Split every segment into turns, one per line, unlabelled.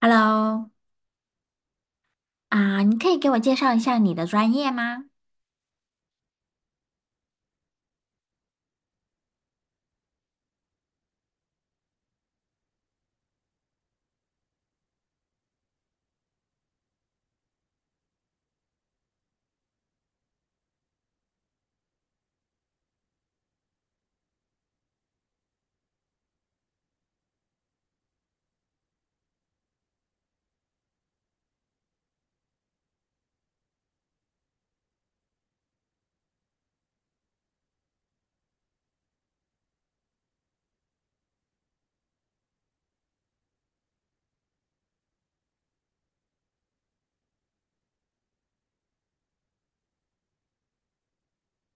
Hello,啊，你可以给我介绍一下你的专业吗？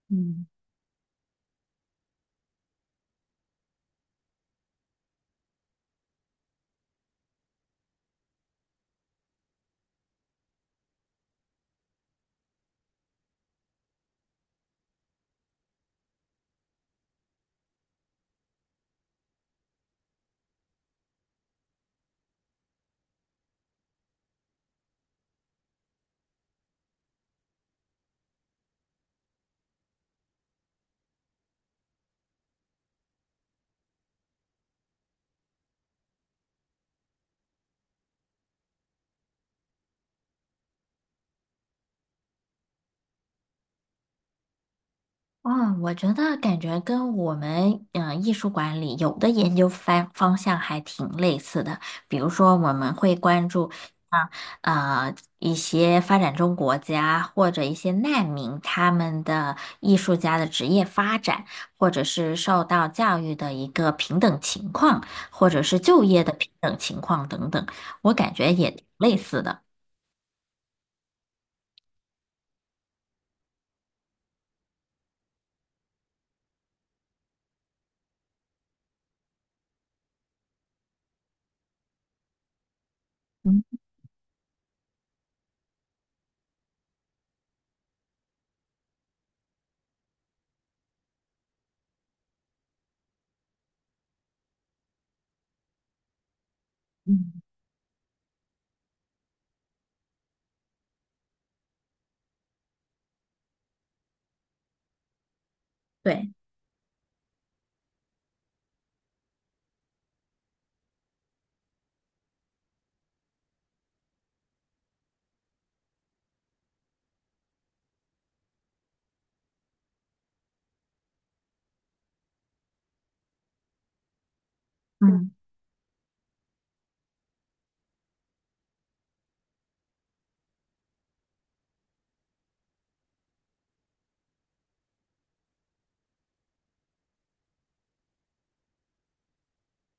嗯。哦，我觉得感觉跟我们艺术管理有的研究方向还挺类似的，比如说我们会关注啊呃一些发展中国家或者一些难民他们的艺术家的职业发展，或者是受到教育的一个平等情况，或者是就业的平等情况等等，我感觉也挺类似的。嗯。嗯，对。嗯。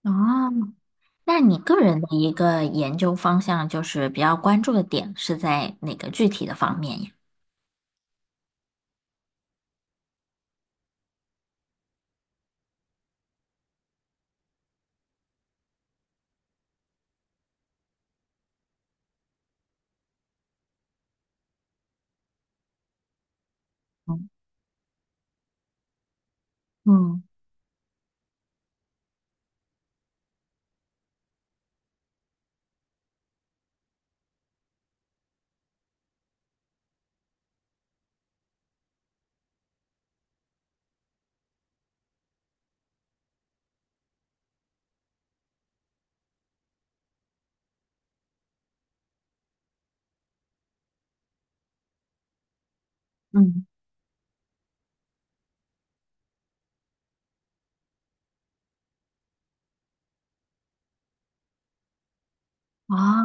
哦，那你个人的一个研究方向，就是比较关注的点是在哪个具体的方面呀？嗯。嗯。嗯。哦。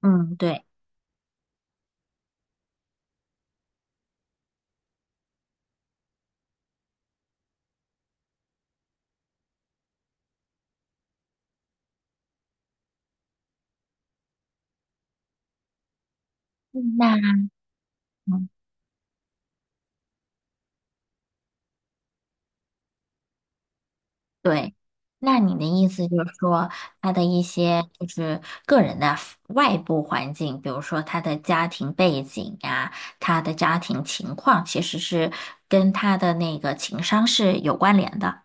嗯。对。嗯那嗯对，那你的意思就是说，他的一些就是个人的 外部环境，比如说他的家庭背景呀，他的家庭情况，其实是跟他的那个情商是有关联的。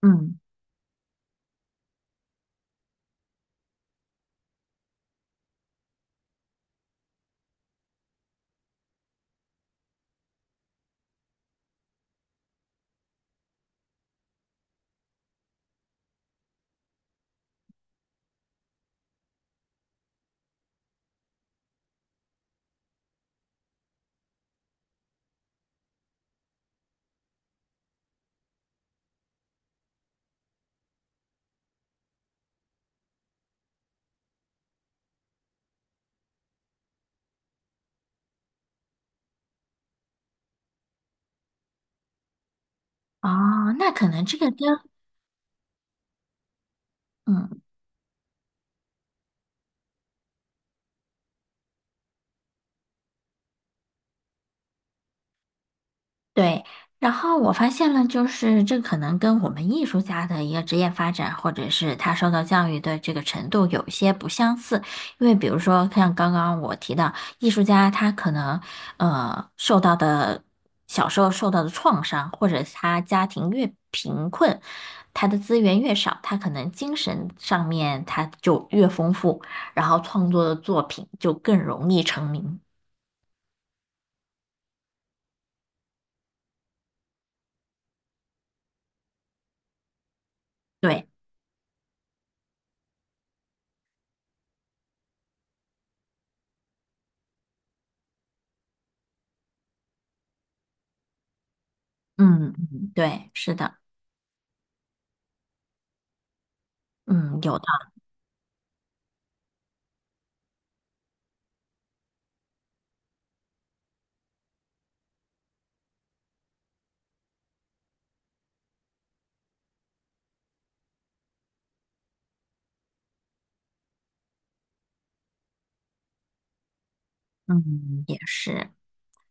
嗯。哦，那可能这个跟嗯。对，然后我发现了，就是这可能跟我们艺术家的一个职业发展，或者是他受到教育的这个程度有一些不相似。因为比如说，像刚刚我提到，艺术家他可能受到的小时候受到的创伤，或者是他家庭越贫困，他的资源越少，他可能精神上面他就越丰富，然后创作的作品就更容易成名。对。嗯，嗯对，是的。嗯，有的。嗯，也是，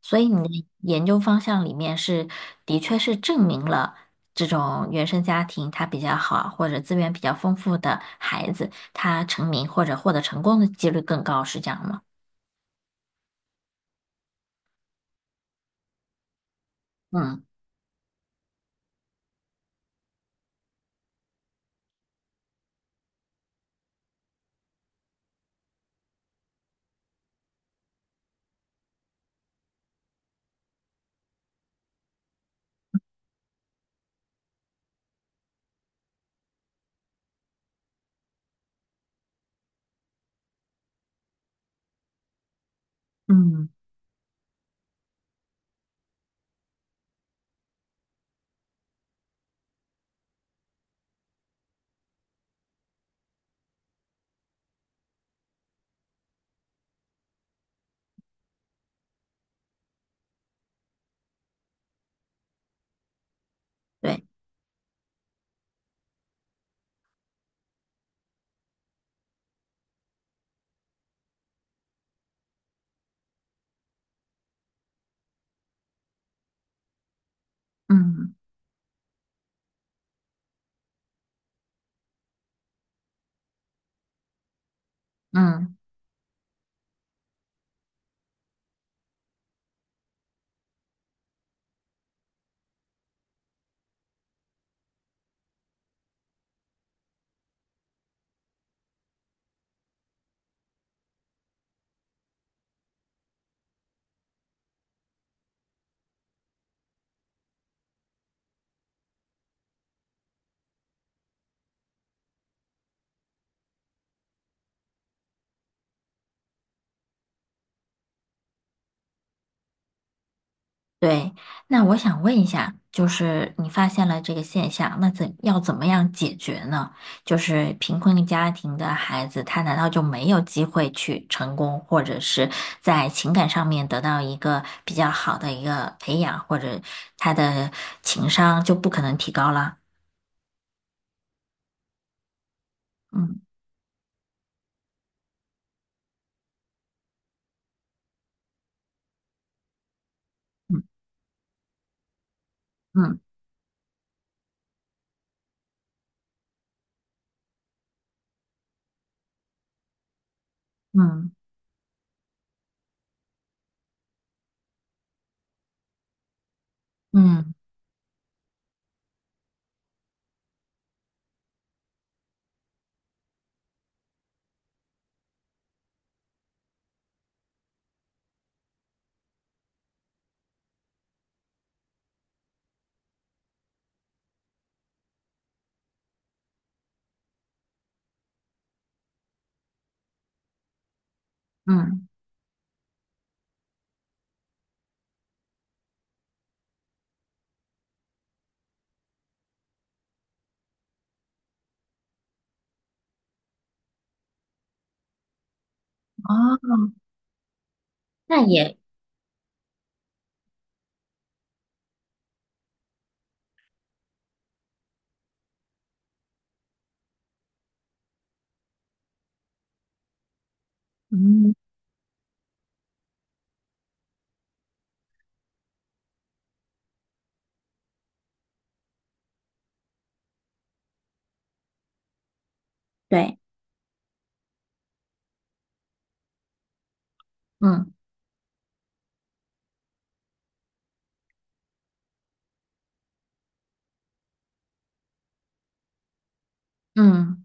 所以你的研究方向里面是，的确是证明了这种原生家庭他比较好或者资源比较丰富的孩子，他成名或者获得成功的几率更高，是这样吗？嗯。嗯，对。嗯。嗯。对，那我想问一下，就是你发现了这个现象，那怎要怎么样解决呢？就是贫困家庭的孩子，他难道就没有机会去成功，或者是在情感上面得到一个比较好的一个培养，或者他的情商就不可能提高了？嗯。嗯。嗯。嗯。嗯。嗯。哦，那也嗯，对。嗯。嗯。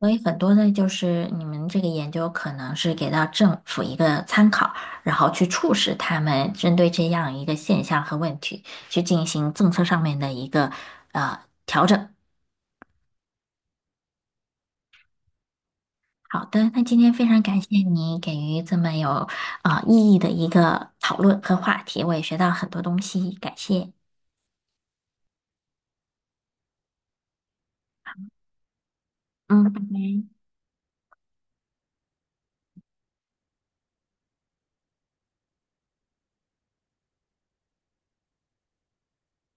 所以很多的，就是你们这个研究可能是给到政府一个参考，然后去促使他们针对这样一个现象和问题去进行政策上面的一个。好的，那今天非常感谢你给予这么有意义的一个讨论和话题，我也学到很多东西，感谢。嗯，拜拜。